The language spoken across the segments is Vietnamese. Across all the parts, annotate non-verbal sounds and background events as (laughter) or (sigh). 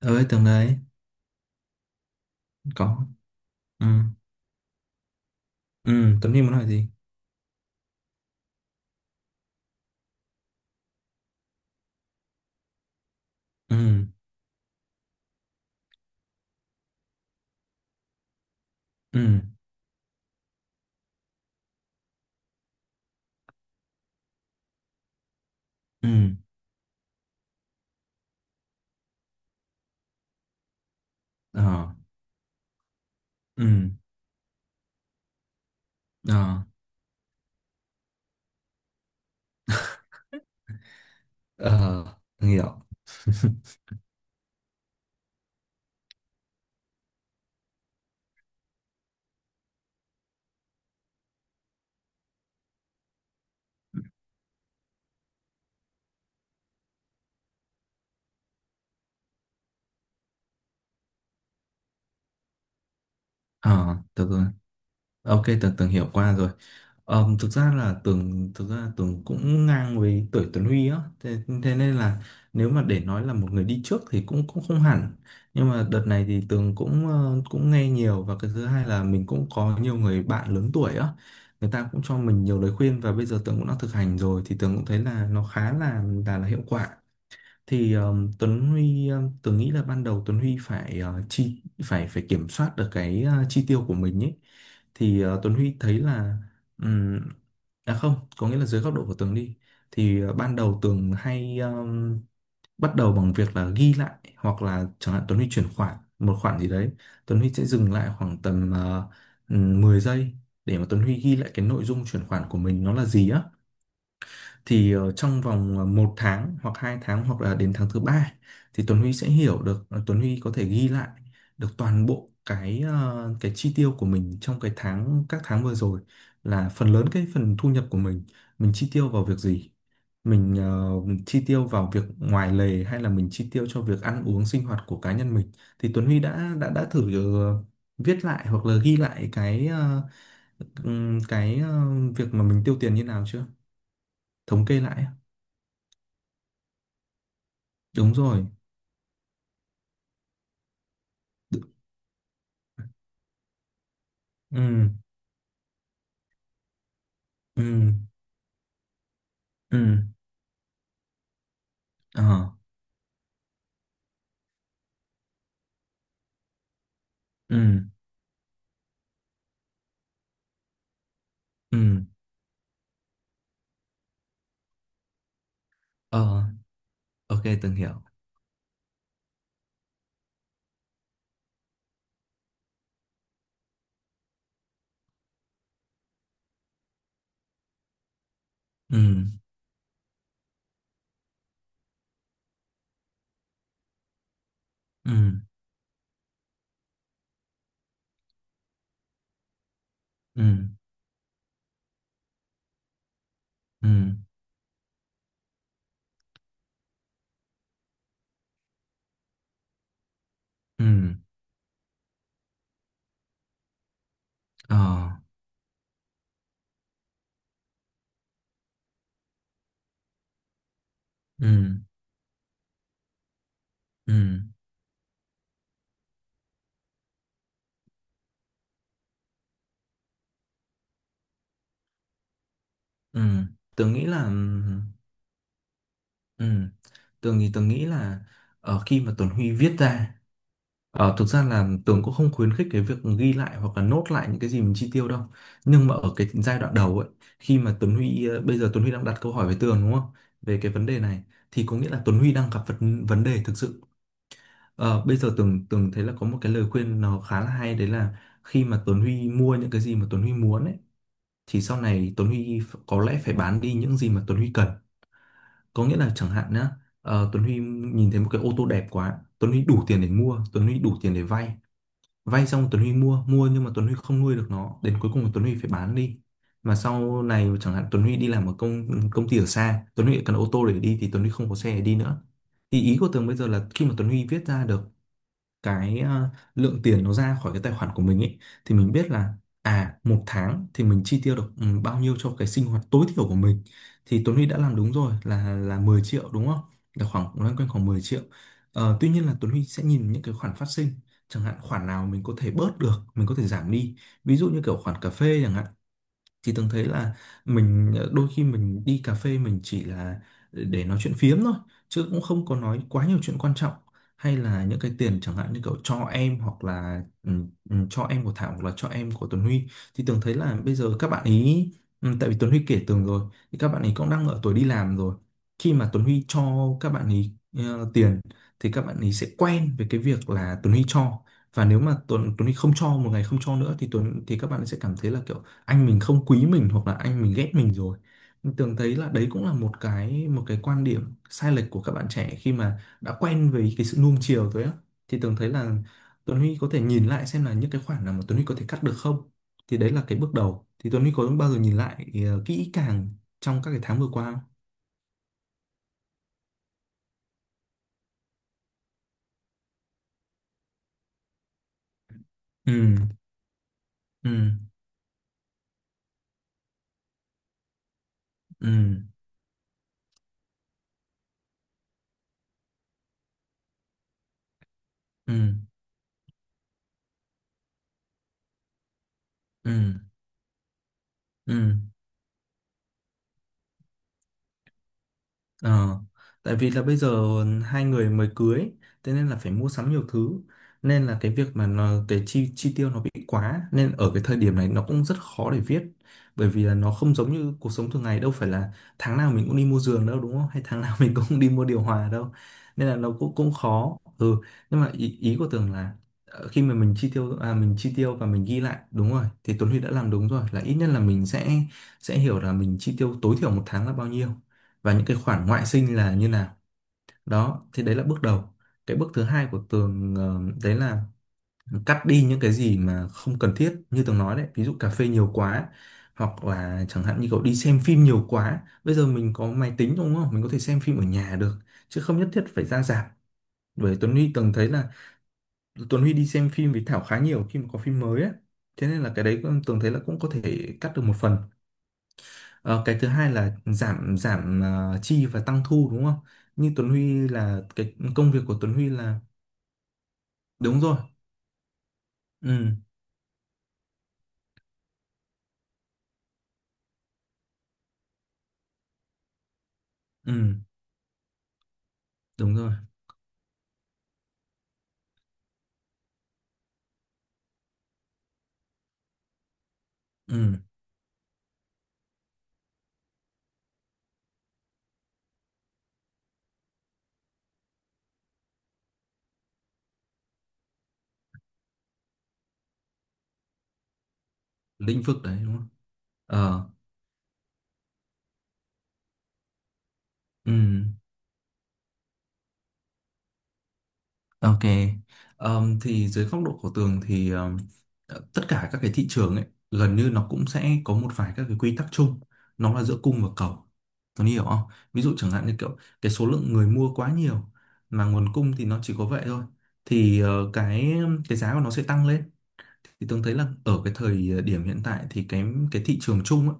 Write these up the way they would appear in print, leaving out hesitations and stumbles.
Ơi, Tường đấy. Có. Ừ, ừ. Tuấn Huy muốn hỏi gì? Ừ. Ừ. Ừ. Ờ. Ừ. Ờ. Ờ. Tường hiểu. (laughs) Ờ, được rồi. Ok, Tường Tường hiểu qua rồi. Thực ra Tường cũng ngang với tuổi Tuấn Huy á, thế, thế nên là nếu mà để nói là một người đi trước thì cũng cũng không hẳn. Nhưng mà đợt này thì Tường cũng nghe nhiều, và cái thứ hai là mình cũng có nhiều người bạn lớn tuổi á, người ta cũng cho mình nhiều lời khuyên và bây giờ Tường cũng đã thực hành rồi thì Tường cũng thấy là nó khá là hiệu quả. Thì Tuấn Huy, Tường nghĩ là ban đầu Tuấn Huy phải ờ, chi phải phải kiểm soát được cái chi tiêu của mình ấy. Thì Tuấn Huy thấy là ừm, à, không có nghĩa là dưới góc độ của Tường đi, thì ban đầu Tường hay bắt đầu bằng việc là ghi lại, hoặc là chẳng hạn Tuấn Huy chuyển khoản một khoản gì đấy Tuấn Huy sẽ dừng lại khoảng tầm 10 giây để mà Tuấn Huy ghi lại cái nội dung chuyển khoản của mình nó là gì á. Thì trong vòng một tháng hoặc 2 tháng hoặc là đến tháng thứ ba thì Tuấn Huy sẽ hiểu được, Tuấn Huy có thể ghi lại được toàn bộ cái chi tiêu của mình trong cái tháng các tháng vừa rồi, là phần lớn cái phần thu nhập của mình chi tiêu vào việc gì, mình chi tiêu vào việc ngoài lề, hay là mình chi tiêu cho việc ăn uống sinh hoạt của cá nhân mình. Thì Tuấn Huy đã thử ờ, viết lại hoặc là ghi lại cái việc mà mình tiêu tiền như nào chưa, thống kê lại. Đúng rồi. Đ- Ừ. Ừ. Ừ. Ờ. Ừ. Ừ. Ờ. Ok, từng hiểu. Ừ. Ừ. Ừ. Ừ. Ừ. Ờ. Ừ. Ừ. Ừ. Tường nghĩ là, ừ, Tường thì tường nghĩ là khi mà Tuấn Huy viết ra. Ờ, thực ra là Tường cũng không khuyến khích cái việc ghi lại hoặc là nốt lại những cái gì mình chi tiêu đâu, nhưng mà ở cái giai đoạn đầu ấy, khi mà Tuấn Huy bây giờ Tuấn Huy đang đặt câu hỏi với Tường, đúng không, về cái vấn đề này, thì có nghĩa là Tuấn Huy đang gặp vấn vấn đề thực sự. Ờ, bây giờ Tường Tường thấy là có một cái lời khuyên nó khá là hay, đấy là khi mà Tuấn Huy mua những cái gì mà Tuấn Huy muốn ấy, thì sau này Tuấn Huy có lẽ phải bán đi những gì mà Tuấn Huy cần. Có nghĩa là chẳng hạn nhá, Tuấn Huy nhìn thấy một cái ô tô đẹp quá, Tuấn Huy đủ tiền để mua, Tuấn Huy đủ tiền để vay, vay xong Tuấn Huy mua mua, nhưng mà Tuấn Huy không nuôi được nó, đến cuối cùng là Tuấn Huy phải bán đi. Mà sau này chẳng hạn Tuấn Huy đi làm ở công công ty ở xa, Tuấn Huy cần ô tô để đi thì Tuấn Huy không có xe để đi nữa. Thì ý của Tường bây giờ là khi mà Tuấn Huy viết ra được cái lượng tiền nó ra khỏi cái tài khoản của mình ấy, thì mình biết là à, một tháng thì mình chi tiêu được bao nhiêu cho cái sinh hoạt tối thiểu của mình. Thì Tuấn Huy đã làm đúng rồi, là 10 triệu đúng không, là khoảng loanh quanh khoảng 10 triệu. Ờ, tuy nhiên là Tuấn Huy sẽ nhìn những cái khoản phát sinh, chẳng hạn khoản nào mình có thể bớt được mình có thể giảm đi, ví dụ như kiểu khoản cà phê chẳng hạn. Thì Tường thấy là mình đôi khi mình đi cà phê mình chỉ là để nói chuyện phiếm thôi, chứ cũng không có nói quá nhiều chuyện quan trọng. Hay là những cái tiền chẳng hạn như kiểu cho em, hoặc là cho em của Thảo hoặc là cho em của Tuấn Huy. Thì Tường thấy là bây giờ các bạn ý, tại vì Tuấn Huy kể Tường rồi, thì các bạn ý cũng đang ở tuổi đi làm rồi. Khi mà Tuấn Huy cho các bạn ý tiền, thì các bạn ý sẽ quen với cái việc là Tuấn Huy cho, và nếu mà Tuấn Tuấn Huy không cho, một ngày không cho nữa, thì Tuấn thì các bạn sẽ cảm thấy là kiểu anh mình không quý mình, hoặc là anh mình ghét mình rồi. Mình tưởng thấy là đấy cũng là một cái quan điểm sai lệch của các bạn trẻ khi mà đã quen với cái sự nuông chiều rồi á. Thì tưởng thấy là Tuấn Huy có thể nhìn lại xem là những cái khoản nào mà Tuấn Huy có thể cắt được không, thì đấy là cái bước đầu. Thì Tuấn Huy có bao giờ nhìn lại kỹ càng trong các cái tháng vừa qua không? Ừ. Ừ. Ừ. Ừ. Ừ. Ừ. Ờ, tại vì là bây giờ hai người mới cưới, thế nên là phải mua sắm nhiều thứ, nên là cái việc mà nó, cái chi chi tiêu nó bị quá, nên ở cái thời điểm này nó cũng rất khó để viết, bởi vì là nó không giống như cuộc sống thường ngày, đâu phải là tháng nào mình cũng đi mua giường đâu, đúng không, hay tháng nào (laughs) mình cũng đi mua điều hòa đâu, nên là nó cũng cũng khó. Ừ, nhưng mà ý, ý của Tường là khi mà mình chi tiêu và mình ghi lại, đúng rồi thì Tuấn Huy đã làm đúng rồi, là ít nhất là mình sẽ hiểu là mình chi tiêu tối thiểu một tháng là bao nhiêu, và những cái khoản ngoại sinh là như nào. Đó thì đấy là bước đầu. Cái bước thứ hai của Tường đấy là cắt đi những cái gì mà không cần thiết, như Tường nói đấy, ví dụ cà phê nhiều quá, hoặc là chẳng hạn như cậu đi xem phim nhiều quá, bây giờ mình có máy tính đúng không, mình có thể xem phim ở nhà được, chứ không nhất thiết phải ra rạp. Bởi Tuấn Huy, Tường thấy là Tuấn Huy đi xem phim với Thảo khá nhiều khi mà có phim mới á, thế nên là cái đấy Tường thấy là cũng có thể cắt được một phần. Ờ, cái thứ hai là giảm giảm ờ, chi và tăng thu đúng không? Như Tuấn Huy là cái công việc của Tuấn Huy là đúng rồi. Ừ. Ừ, đúng rồi. Ừ, lĩnh vực đấy đúng không? Ờ. Ừ. Ok, thì dưới góc độ của Tường thì tất cả các cái thị trường ấy gần như nó cũng sẽ có một vài các cái quy tắc chung, nó là giữa cung và cầu. Tường hiểu không? Ví dụ chẳng hạn như kiểu cái số lượng người mua quá nhiều, mà nguồn cung thì nó chỉ có vậy thôi, thì cái giá của nó sẽ tăng lên. Thì Tường thấy là ở cái thời điểm hiện tại thì cái thị trường chung ấy,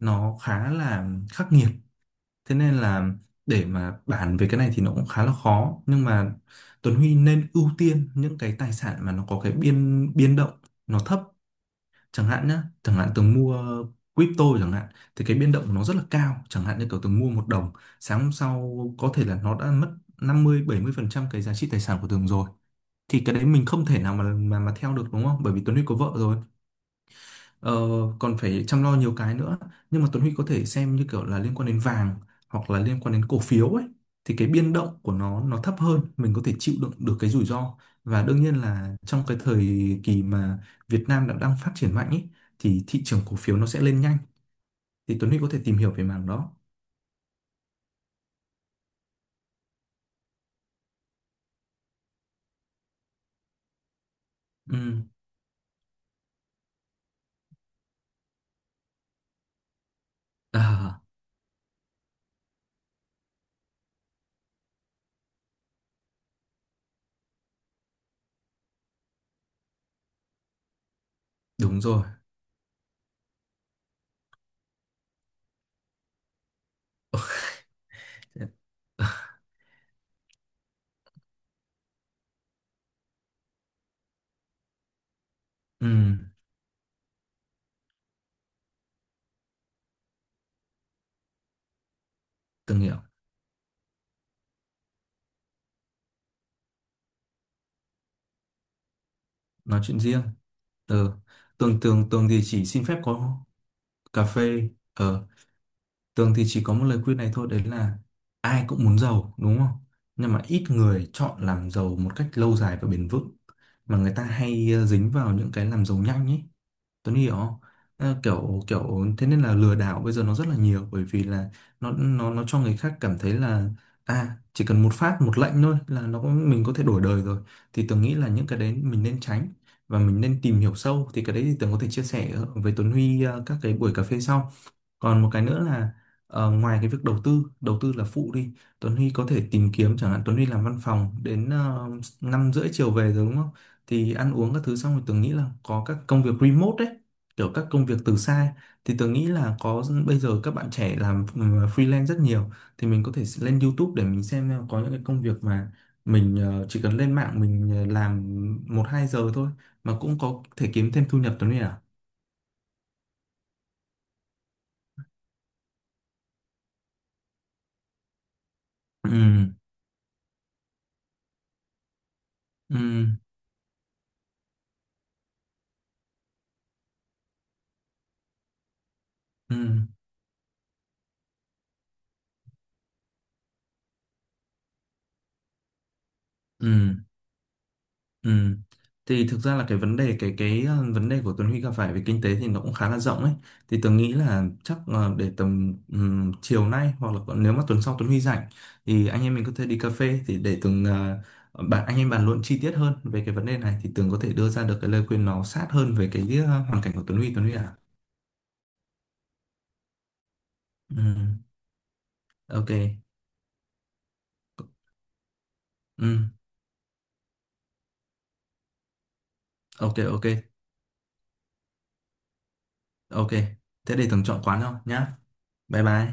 nó khá là khắc nghiệt. Thế nên là để mà bàn về cái này thì nó cũng khá là khó, nhưng mà Tuấn Huy nên ưu tiên những cái tài sản mà nó có cái biên biên động nó thấp. Chẳng hạn nhá, chẳng hạn Tường mua crypto chẳng hạn, thì cái biên động của nó rất là cao, chẳng hạn như kiểu Tường mua một đồng, sáng hôm sau có thể là nó đã mất 50-70% cái giá trị tài sản của Tường rồi. Thì cái đấy mình không thể nào mà mà theo được đúng không, bởi vì Tuấn Huy có vợ rồi. Ờ, còn phải chăm lo nhiều cái nữa. Nhưng mà Tuấn Huy có thể xem như kiểu là liên quan đến vàng, hoặc là liên quan đến cổ phiếu ấy, thì cái biên động của nó thấp hơn, mình có thể chịu đựng được cái rủi ro. Và đương nhiên là trong cái thời kỳ mà Việt Nam đã đang phát triển mạnh ấy, thì thị trường cổ phiếu nó sẽ lên nhanh, thì Tuấn Huy có thể tìm hiểu về mảng đó. Ừ. À. Đúng rồi. Ừ. Tường hiểu. Nói chuyện riêng. Ừ. Tường Tường Tường thì chỉ xin phép có cà phê. Ờ, Tường thì chỉ có một lời khuyên này thôi, đấy là ai cũng muốn giàu, đúng không? Nhưng mà ít người chọn làm giàu một cách lâu dài và bền vững. Mà người ta hay dính vào những cái làm giàu nhanh ấy. Tuấn hiểu không? Ờ, kiểu kiểu thế nên là lừa đảo bây giờ nó rất là nhiều, bởi vì là nó cho người khác cảm thấy là à, chỉ cần một phát một lệnh thôi là mình có thể đổi đời rồi. Thì Tường nghĩ là những cái đấy mình nên tránh, và mình nên tìm hiểu sâu, thì cái đấy thì Tường có thể chia sẻ với Tuấn Huy các cái buổi cà phê sau. Còn một cái nữa là ngoài cái việc đầu tư, đầu tư là phụ đi, Tuấn Huy có thể tìm kiếm, chẳng hạn Tuấn Huy làm văn phòng đến 5:30 chiều về rồi đúng không, thì ăn uống các thứ xong rồi, Tường nghĩ là có các công việc remote đấy, kiểu các công việc từ xa. Thì Tường nghĩ là có, bây giờ các bạn trẻ làm freelance rất nhiều. Thì mình có thể lên YouTube để mình xem là có những cái công việc mà mình chỉ cần lên mạng mình làm 1-2 giờ thôi mà cũng có thể kiếm thêm thu nhập, Tuấn Huy à. Ừ. Ừ. Ừ. Ừ. Ừ. Thì thực ra là cái vấn đề vấn đề của Tuấn Huy gặp phải về kinh tế thì nó cũng khá là rộng ấy. Thì Tường nghĩ là chắc để tầm chiều nay, hoặc là còn nếu mà tuần sau Tuấn Huy rảnh, thì anh em mình có thể đi cà phê, thì để Tường ờ, bạn anh em bàn luận chi tiết hơn về cái vấn đề này, thì Tường có thể đưa ra được cái lời khuyên nó sát hơn về cái hoàn cảnh của Tuấn Huy à. Ừ. Ok. Ừ. Ok, ok. Ok. Thế để Tường chọn quán thôi nhá. Bye bye.